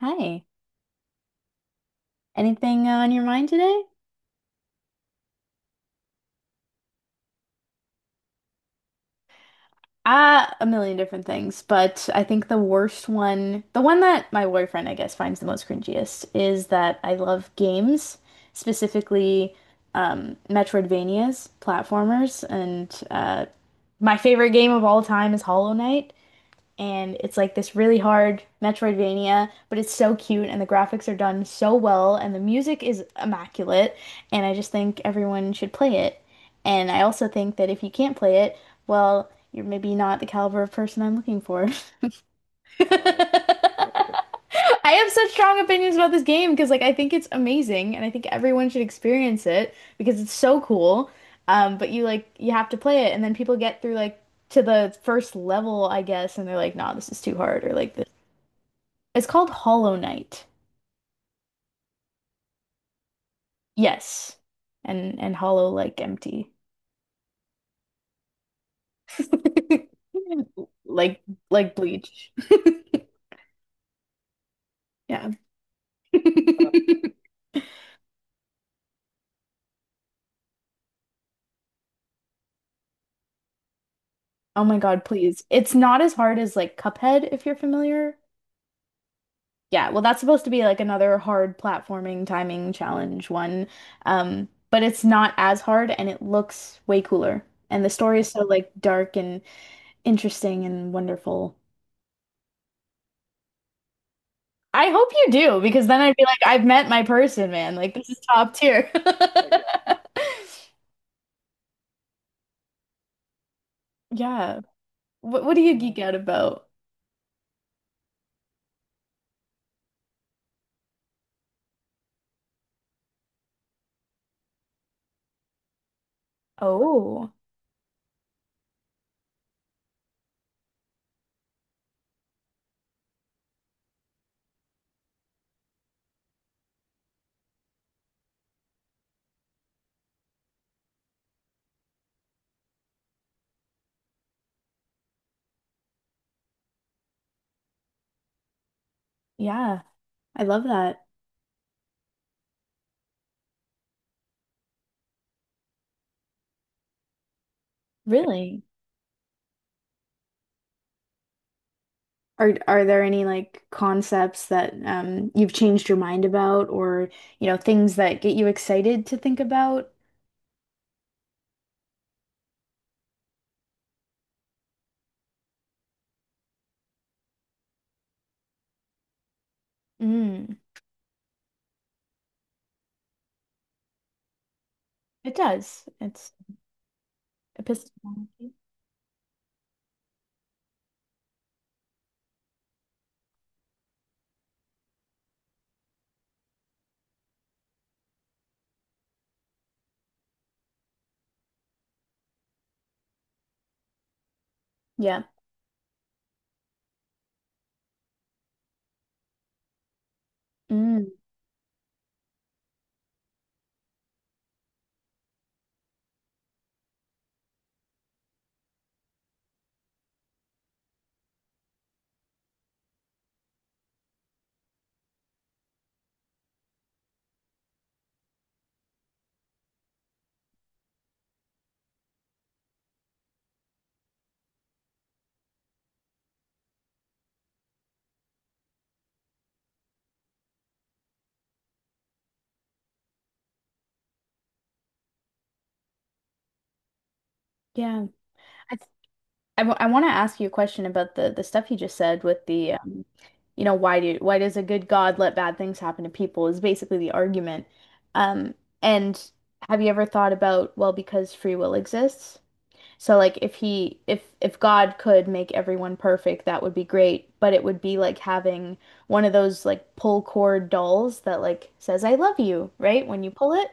Hi. Anything on your mind today? Ah, a million different things, but I think the worst one, the one that my boyfriend, I guess, finds the most cringiest is that I love games, specifically Metroidvanias, platformers, and my favorite game of all time is Hollow Knight. And it's like this really hard Metroidvania, but it's so cute and the graphics are done so well and the music is immaculate and I just think everyone should play it. And I also think that if you can't play it, well, you're maybe not the caliber of person I'm looking for. I have such strong opinions about this game because like I think it's amazing and I think everyone should experience it because it's so cool. But you like you have to play it and then people get through like to the first level, I guess, and they're like, nah, this is too hard or like this. It's called Hollow Knight. Yes. And hollow like empty. Like like bleach. Yeah. Oh my God, please. It's not as hard as like Cuphead if you're familiar. Yeah, well, that's supposed to be like another hard platforming timing challenge one. But it's not as hard and it looks way cooler. And the story is so like dark and interesting and wonderful. I hope you do, because then I'd be like, I've met my person, man. Like this is top tier. Yeah. What do you geek out about? Oh, yeah. I love that. Really? Are there any like concepts that you've changed your mind about or you know things that get you excited to think about? Mm, it does. It's epistemology. Yeah. Mm, yeah. I th I, w I want to ask you a question about the stuff you just said with the you know why do why does a good God let bad things happen to people is basically the argument. Um and have you ever thought about well because free will exists? So like if he if God could make everyone perfect, that would be great, but it would be like having one of those like pull cord dolls that like says I love you, right? When you pull it.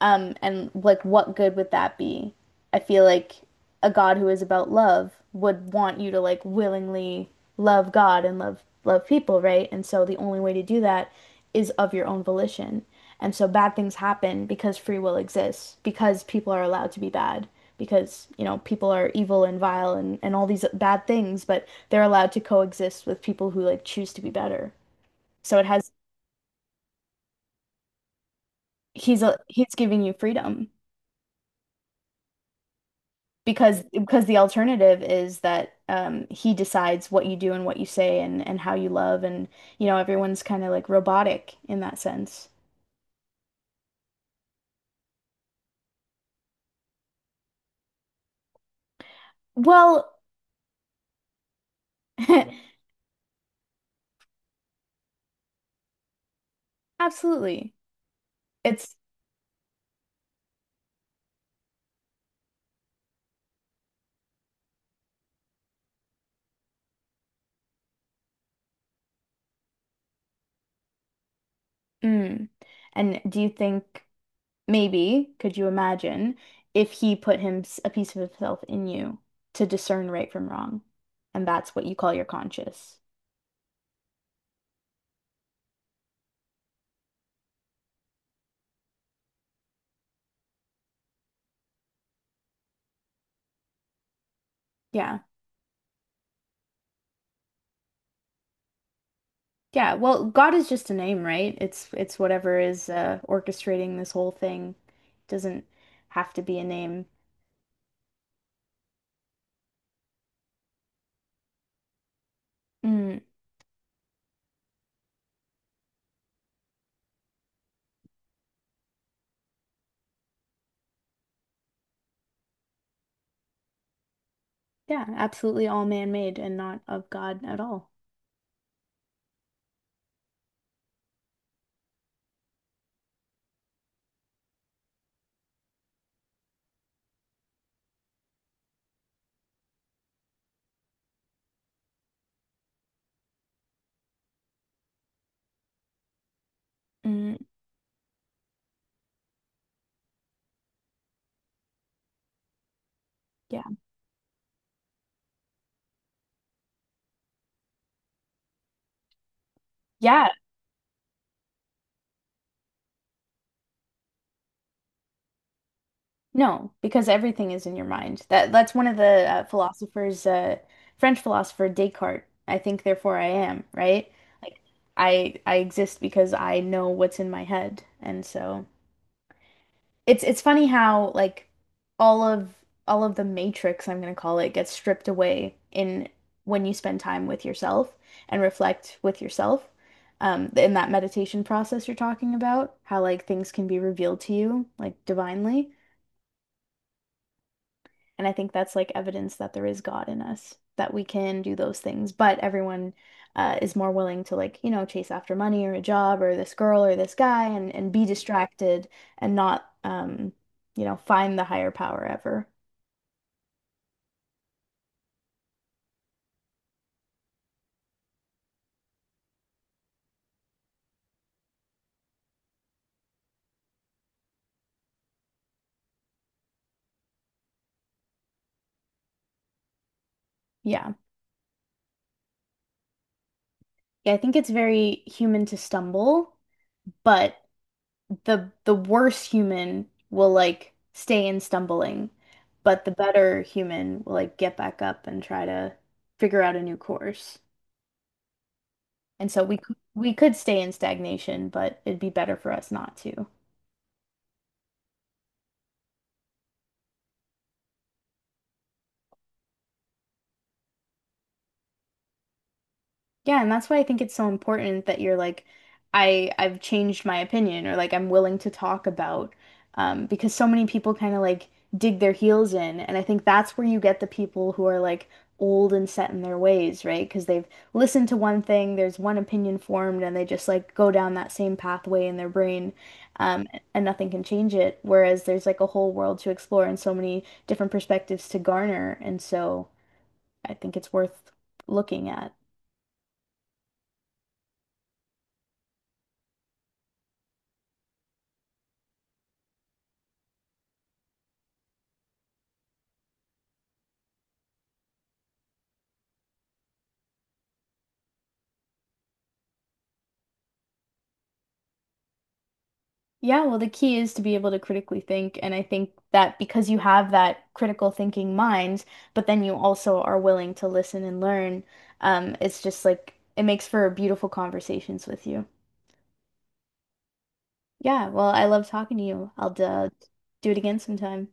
And like what good would that be? I feel like a God who is about love would want you to like willingly love God and love people, right? And so the only way to do that is of your own volition. And so bad things happen because free will exists, because people are allowed to be bad because, you know, people are evil and vile and all these bad things, but they're allowed to coexist with people who like choose to be better. So it has he's giving you freedom because the alternative is that he decides what you do and what you say and how you love and you know everyone's kind of like robotic in that sense. Well, absolutely. It's mm. And do you think Maybe, could you imagine, if he put him a piece of himself in you to discern right from wrong? And that's what you call your conscious. Yeah. Yeah. Well, God is just a name, right? It's whatever is orchestrating this whole thing. Doesn't have to be a name. Mm, yeah, absolutely all man-made and not of God at all. Mm, yeah. Yeah. No, because everything is in your mind. That's one of the philosophers, French philosopher Descartes. I think, therefore, I am, right? Like I exist because I know what's in my head, and so it's funny how like all of all of the matrix, I'm gonna call it, gets stripped away in when you spend time with yourself and reflect with yourself. In that meditation process you're talking about, how like things can be revealed to you like divinely. And I think that's like evidence that there is God in us, that we can do those things. But everyone is more willing to like, you know, chase after money or a job or this girl or this guy and be distracted and not, you know, find the higher power ever. Yeah. Yeah, I think it's very human to stumble, but the worse human will like stay in stumbling, but the better human will like get back up and try to figure out a new course. And so we could stay in stagnation, but it'd be better for us not to. Yeah, and that's why I think it's so important that you're like, I've changed my opinion or like I'm willing to talk about because so many people kind of like dig their heels in and I think that's where you get the people who are like old and set in their ways, right? Because they've listened to one thing, there's one opinion formed and they just like go down that same pathway in their brain um and nothing can change it. Whereas there's like a whole world to explore and so many different perspectives to garner and so I think it's worth looking at. Yeah, well, the key is to be able to critically think. And I think that because you have that critical thinking mind, but then you also are willing to listen and learn, it's just like it makes for beautiful conversations with you. Yeah, well, I love talking to you. I'll do it again sometime.